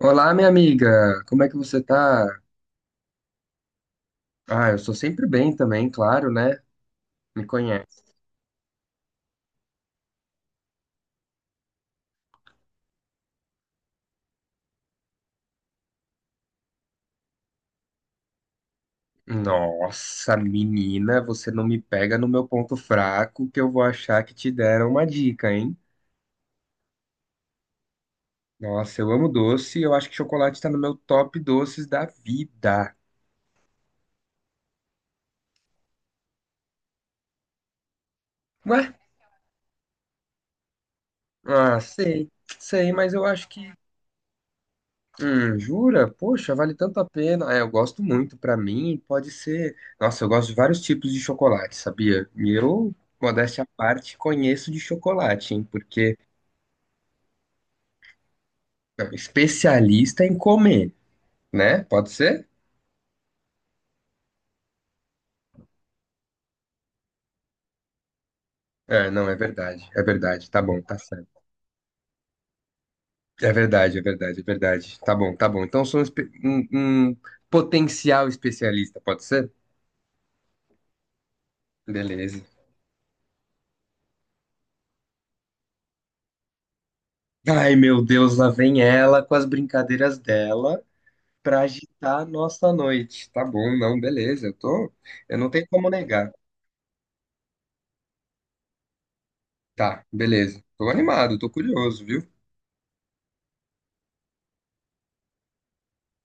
Olá, minha amiga, como é que você tá? Ah, eu sou sempre bem também, claro, né? Me conhece. Nossa, menina, você não me pega no meu ponto fraco que eu vou achar que te deram uma dica, hein? Nossa, eu amo doce, eu acho que chocolate tá no meu top doces da vida. Ué? Ah, sei, sei, mas eu acho que. Jura? Poxa, vale tanto a pena. É, eu gosto muito. Pra mim, pode ser. Nossa, eu gosto de vários tipos de chocolate, sabia? E eu, modéstia à parte, conheço de chocolate, hein? Porque é especialista em comer, né? Pode ser? É, não, é verdade. É verdade. Tá bom, tá certo. É verdade, é verdade, é verdade. Tá bom, tá bom. Então, sou um potencial especialista, pode ser? Beleza. Ai, meu Deus, lá vem ela com as brincadeiras dela. Para agitar a nossa noite. Tá bom, não, beleza. Eu não tenho como negar. Tá, beleza. Tô animado, tô curioso, viu?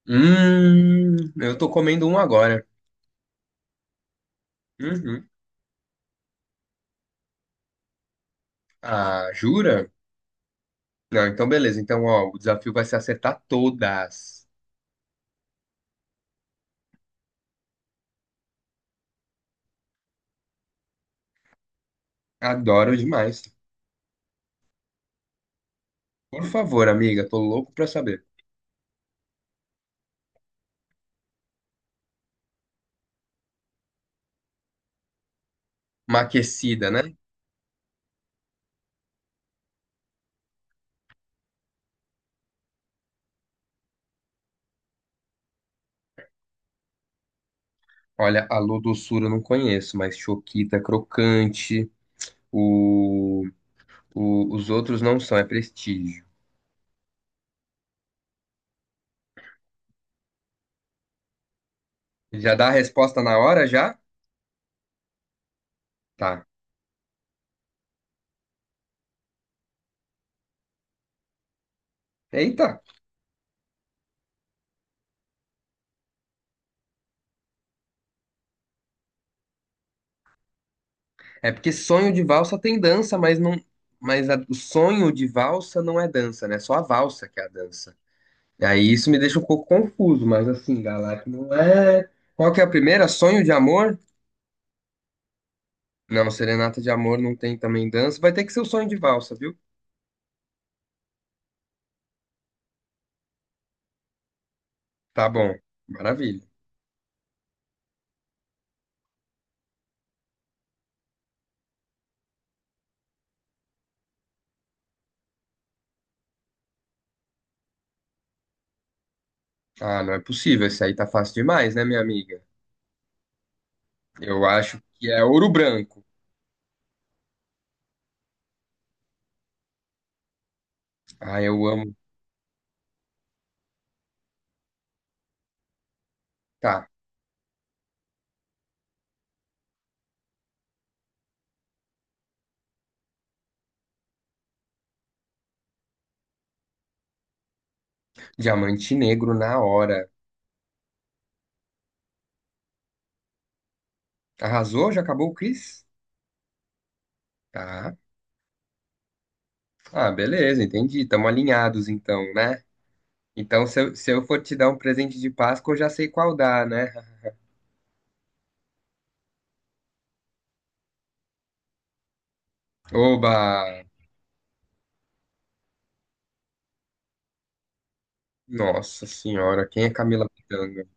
Hum, eu tô comendo um agora. Uhum. Ah, jura? Não, então beleza. Então, ó, o desafio vai ser acertar todas. Adoro demais. Por favor, amiga, tô louco pra saber. Maquecida, né? Olha, alô doçura eu não conheço, mas choquita, é crocante, o, os outros não são, é prestígio. Já dá a resposta na hora já? Tá. Eita. É porque sonho de valsa tem dança, mas não, o sonho de valsa não é dança, né? Só a valsa que é a dança. E aí isso me deixa um pouco confuso, mas assim, Galata, não é. Qual que é a primeira? Sonho de amor? Não, serenata de amor não tem também dança. Vai ter que ser o sonho de valsa, viu? Tá bom. Maravilha. Ah, não é possível. Esse aí tá fácil demais, né, minha amiga? Eu acho que é ouro branco. Ah, eu amo. Tá. Diamante negro na hora. Arrasou? Já acabou o quiz? Tá. Ah, beleza, entendi. Estamos alinhados então, né? Então, se eu for te dar um presente de Páscoa, eu já sei qual dar, né? Oba! Nossa senhora, quem é Camila Pitanga?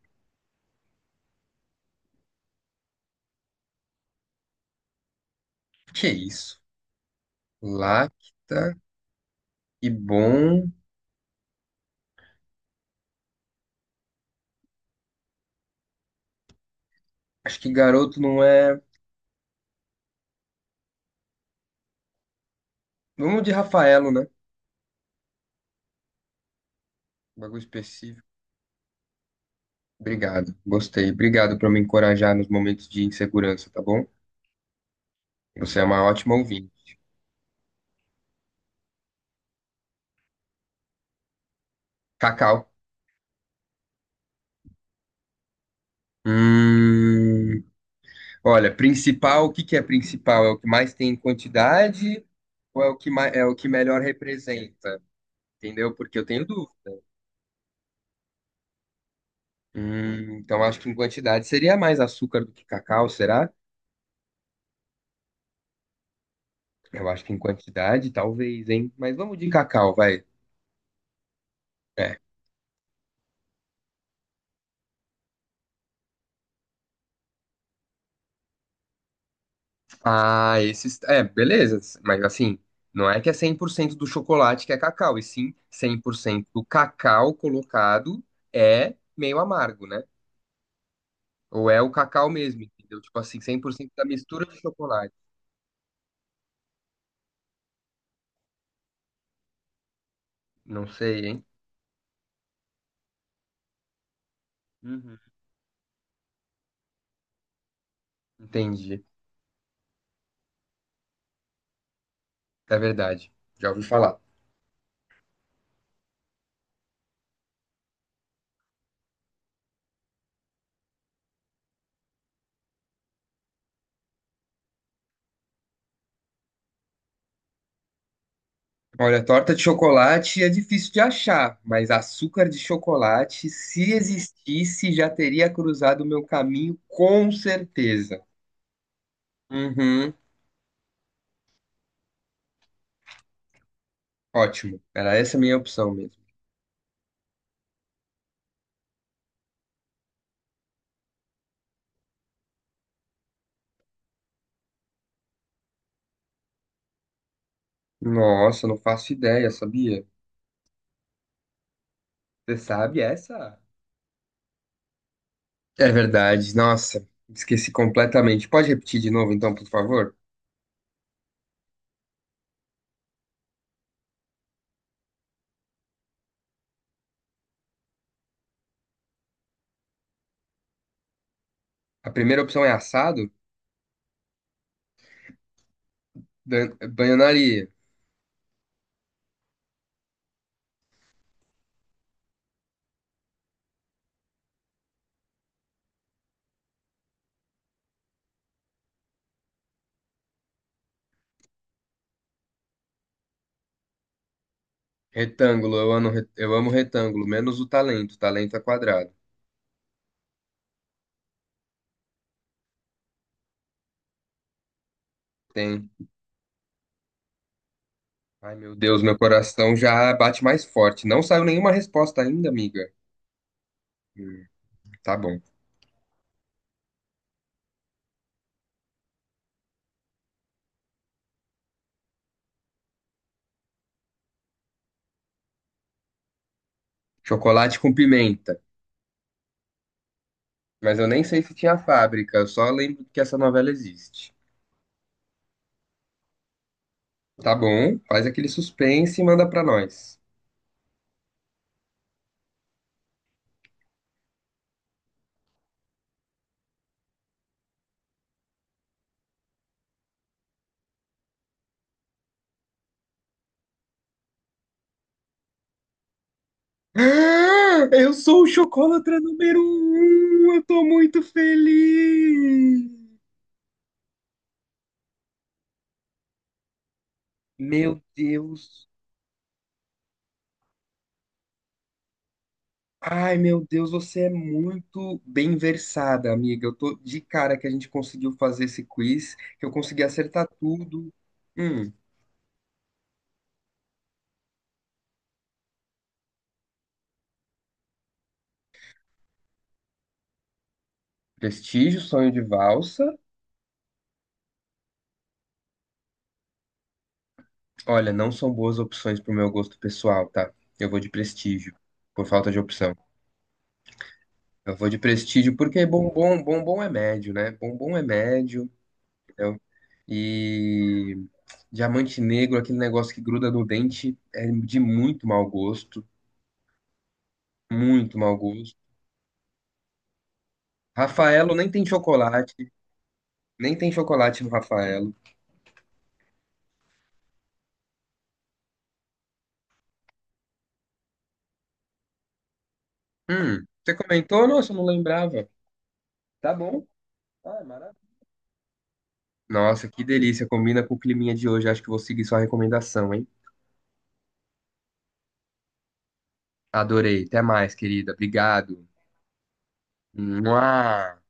Que isso? Lacta e bom. Acho que garoto não é. Vamos de Rafaelo, né? Bagulho específico. Obrigado, gostei. Obrigado por me encorajar nos momentos de insegurança, tá bom? Você é uma ótima ouvinte. Cacau. Hum. Olha, principal, o que que é principal? É o que mais tem em quantidade ou é o que melhor representa? Entendeu? Porque eu tenho dúvida. Então acho que em quantidade seria mais açúcar do que cacau, será? Eu acho que em quantidade, talvez, hein? Mas vamos de cacau, vai. É. Ah, esses. É, beleza. Mas assim, não é que é 100% do chocolate que é cacau, e sim 100% do cacau colocado é meio amargo, né? Ou é o cacau mesmo, entendeu? Tipo assim, 100% da mistura de chocolate. Não sei, hein? Uhum. Entendi. É verdade. Já ouvi falar. Olha, torta de chocolate é difícil de achar, mas açúcar de chocolate, se existisse, já teria cruzado o meu caminho com certeza. Uhum. Ótimo. Era essa a minha opção mesmo. Nossa, não faço ideia, sabia? Você sabe essa? É verdade. Nossa, esqueci completamente. Pode repetir de novo, então, por favor? A primeira opção é assado? Bananaria. Retângulo, eu amo, eu amo retângulo, menos o talento. Talento é quadrado. Tem. Ai, meu Deus, meu coração já bate mais forte. Não saiu nenhuma resposta ainda, amiga. Hum, tá bom. Chocolate com pimenta. Mas eu nem sei se tinha fábrica, eu só lembro que essa novela existe. Tá bom, faz aquele suspense e manda pra nós. Ah, eu sou o chocolatra número um! Eu tô muito feliz! Meu Deus. Ai, meu Deus, você é muito bem versada, amiga. Eu tô de cara que a gente conseguiu fazer esse quiz, que eu consegui acertar tudo. Hum, Prestígio, Sonho de Valsa. Olha, não são boas opções pro meu gosto pessoal, tá? Eu vou de Prestígio, por falta de opção. Eu vou de Prestígio porque bombom é médio, né? Bombom é médio, entendeu? E Diamante Negro, aquele negócio que gruda no dente, é de muito mau gosto, muito mau gosto. Rafaelo nem tem chocolate. Nem tem chocolate no Rafaelo. Você comentou? Nossa, eu não lembrava. Tá bom. Ah, é maravilha. Nossa, que delícia. Combina com o climinha de hoje. Acho que vou seguir sua recomendação, hein? Adorei. Até mais, querida. Obrigado. Mua.